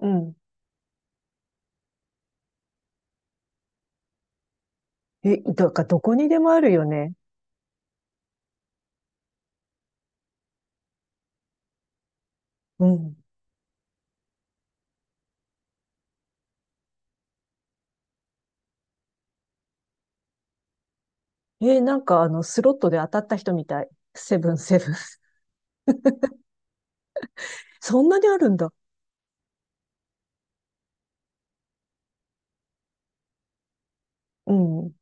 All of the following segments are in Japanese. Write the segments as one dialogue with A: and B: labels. A: うん。え、だからどこにでもあるよね。うん。え、なんかスロットで当たった人みたい。セブン、セブン。そんなにあるんだ。うん。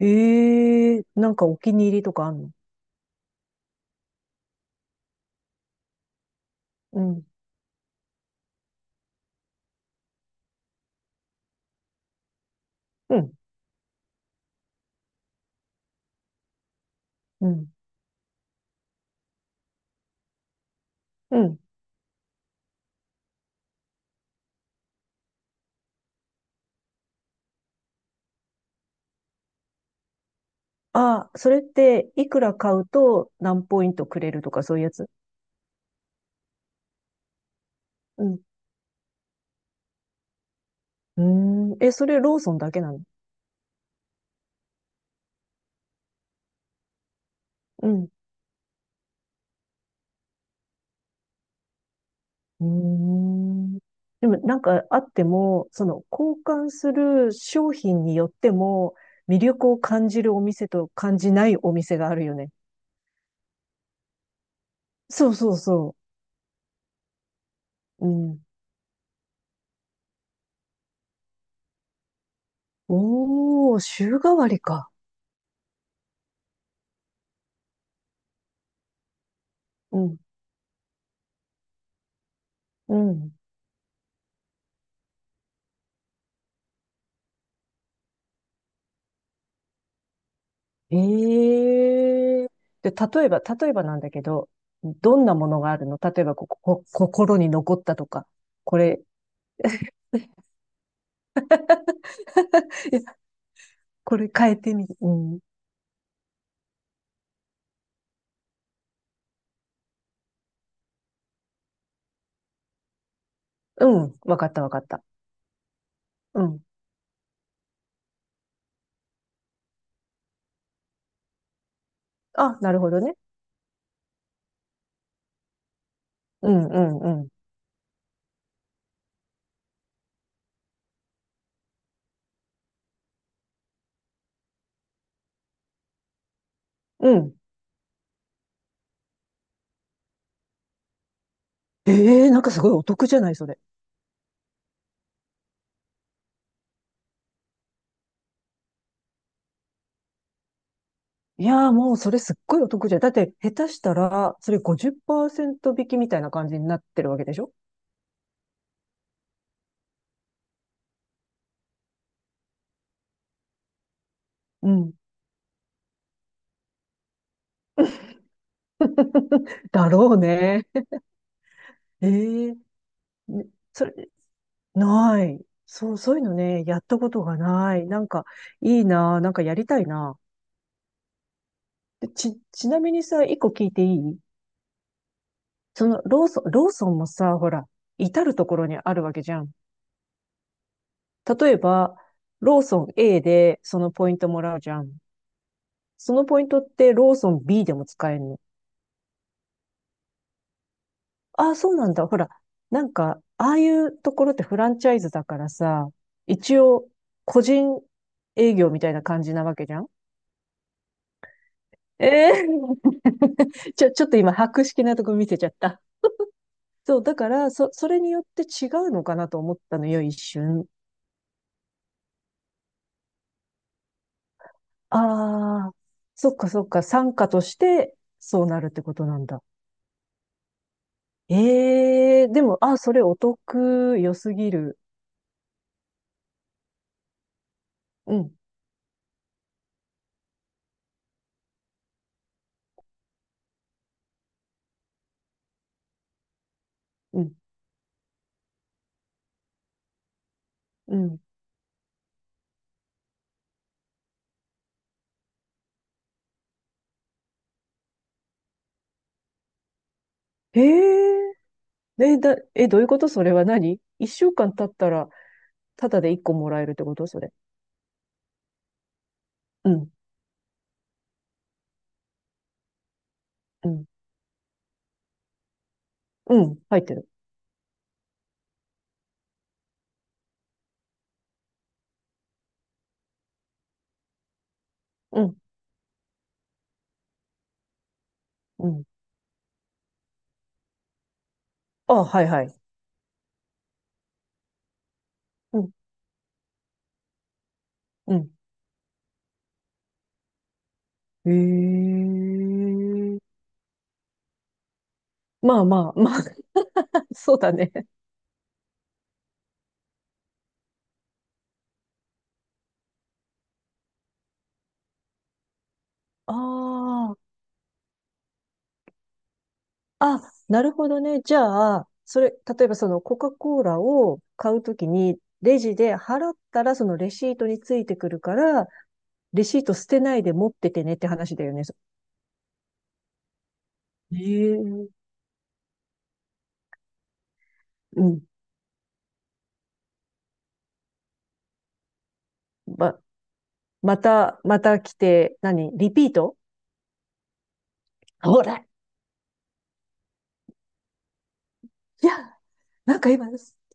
A: ええ、なんかお気に入りとかあんの？うん。うん。うん。うん。あ、それっていくら買うと何ポイントくれるとかそういうやつ？うん。うーん。え、それローソンだけなの？うん。うーん。でもなんかあっても、その交換する商品によっても魅力を感じるお店と感じないお店があるよね。そうそうそう。うん。おー、週替わりか。うん。うん。ええ、で、例えば、なんだけど、どんなものがあるの？例えばここ、こ心に残ったとか、これ、いや、これ変えてみ、うん。うん。わかったわかった。うん。あ、なるほどね。うんうんうん。うん。ええー、なんかすごいお得じゃない、それ。いやー、もうそれすっごいお得じゃん。だって下手したら、それ50%引きみたいな感じになってるわけでしょ？うん。だろうね。ええね、それ、ない。そう、そういうのね、やったことがない。なんか、いいなー、なんかやりたいな。ぁでち、ちなみにさ、一個聞いていい？その、ローソンもさ、ほら、至るところにあるわけじゃん。例えば、ローソン A でそのポイントもらうじゃん。そのポイントってローソン B でも使えるの？ああ、そうなんだ。ほら、なんか、ああいうところってフランチャイズだからさ、一応、個人営業みたいな感じなわけじゃん。ええ ちょっと今、博識なとこ見せちゃった。そう、だから、それによって違うのかなと思ったのよ、一瞬。ああ、そっかそっか、参加としてそうなるってことなんだ。ええ、でも、あ、それお得、良すぎる。うん、うん、うん。えええ、え、どういうこと？それは何？一週間経ったら、ただで一個もらえるってこと、それ？うん、うん、うん、入ってる。うん、うん。あ、はいはい。うん、うん。ええ、まあまあ、まあ、そうだね。ああ、あ、なるほどね。じゃあ、それ、例えばそのコカ・コーラを買うときに、レジで払ったらそのレシートについてくるから、レシート捨てないで持っててねって話だよね？ええ、うん、ままた、また来て、何、リピート？ほら。いや、なんか今、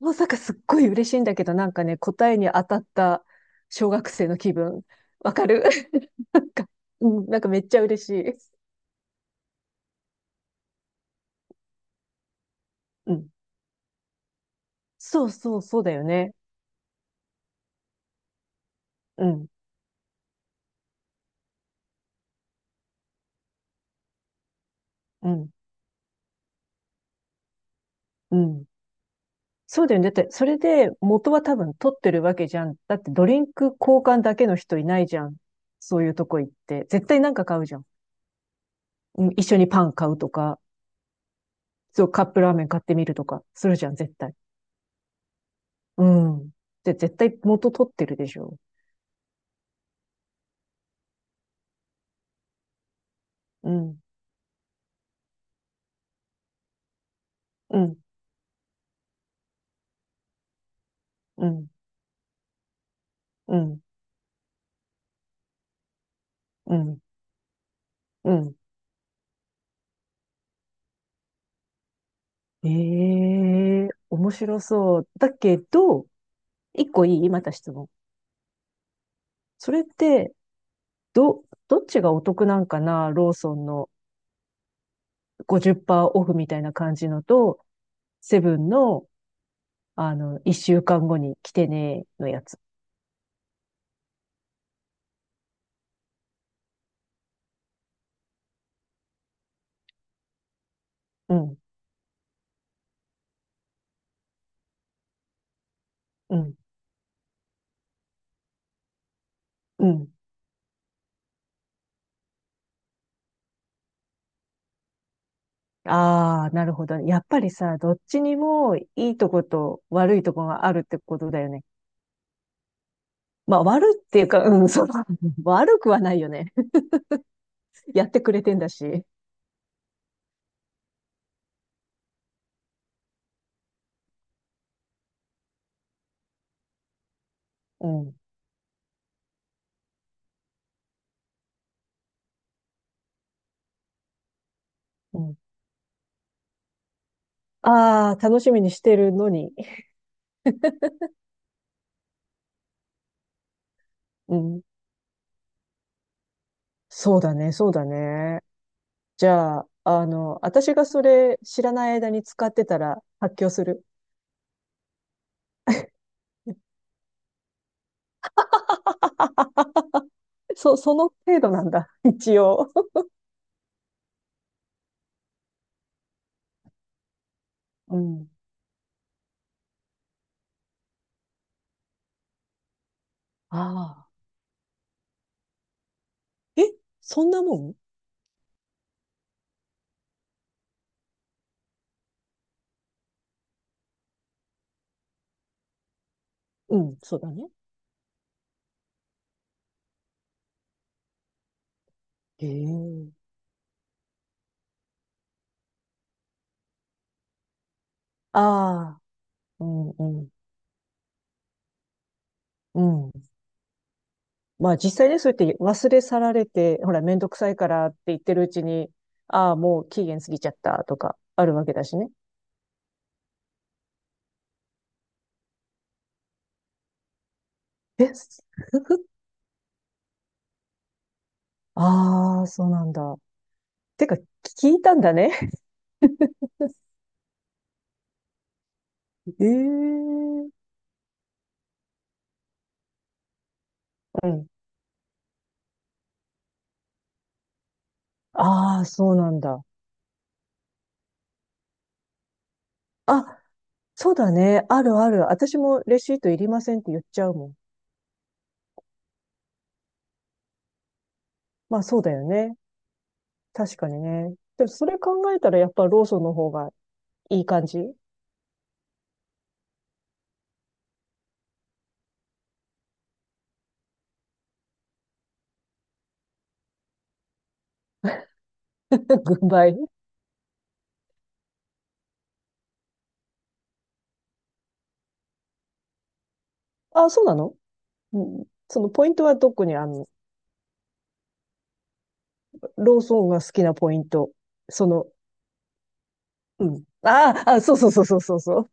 A: まさかすっごい嬉しいんだけど、なんかね、答えに当たった小学生の気分。わかる？ なんか、うん、なんかめっちゃ嬉しい。うん。そうそう、そうだよね。うん、うん、うん。そうだよね。だって、それで元は多分取ってるわけじゃん。だってドリンク交換だけの人いないじゃん。そういうとこ行って、絶対なんか買うじゃん。うん、一緒にパン買うとか。そう、カップラーメン買ってみるとか、するじゃん、絶対。うん。で、絶対元取ってるでしょ。うん、うん、うん、うん、うん、うん。ええ、面白そう。だけど、一個いい、また質問。それって、どっちがお得なんかな、ローソンの50%オフみたいな感じのと、セブンの、あの、一週間後に来てねのやつ。うん、うん、うん、ああ、なるほどね。やっぱりさ、どっちにもいいとこと悪いとこがあるってことだよね。まあ、悪いっていうか、うん、そうだ。悪くはないよね。やってくれてんだし。うん、うん。ああ、楽しみにしてるのに。うん。そうだね、そうだね。じゃあ、あの、私がそれ知らない間に使ってたら発狂する。その程度なんだ。一応。うん。ああ。え、そんなもん？うん、そうだね。へえ。ああ。うんうん。うん。まあ実際ね、そうやって忘れ去られて、ほら、めんどくさいからって言ってるうちに、ああ、もう期限過ぎちゃったとか、あるわけだしね。え、ああ、そうなんだ。てか、聞いたんだね。ええ、うん。ああ、そうなんだ。あ、そうだね。あるある。私もレシートいりませんって言っちゃうもん。まあそうだよね。確かにね。でもそれ考えたらやっぱローソンの方がいい感じ？ 軍配。あ、そうなの？うん。そのポイントはどこにあるの？ローソンが好きなポイント。その、うん。ああ、あ、そうそうそうそうそうそ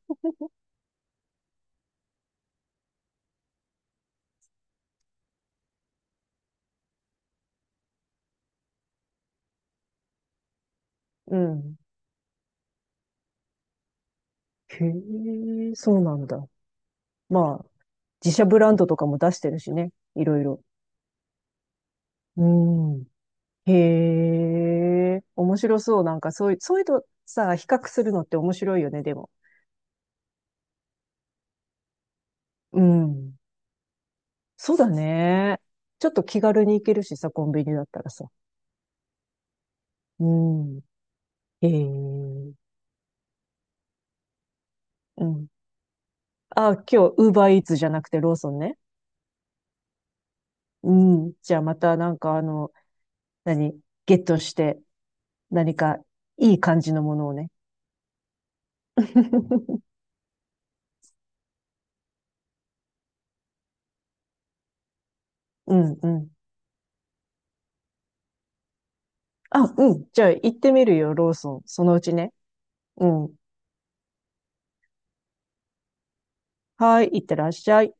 A: う。うん。へえ、そうなんだ。まあ、自社ブランドとかも出してるしね。いろいろ。うん。へえ、面白そう。なんかそういうとさ、比較するのって面白いよね、でも。うん。そうだね。ちょっと気軽に行けるしさ、コンビニだったらさ。うん。へえ。うん。あ、今日、ウーバーイーツじゃなくてローソンね。うん。じゃあまたなんかあの、何、ゲットして、何か、いい感じのものをね。うん、うん。あ、うん。じゃあ行ってみるよ、ローソン。そのうちね。うん。はい、行ってらっしゃい。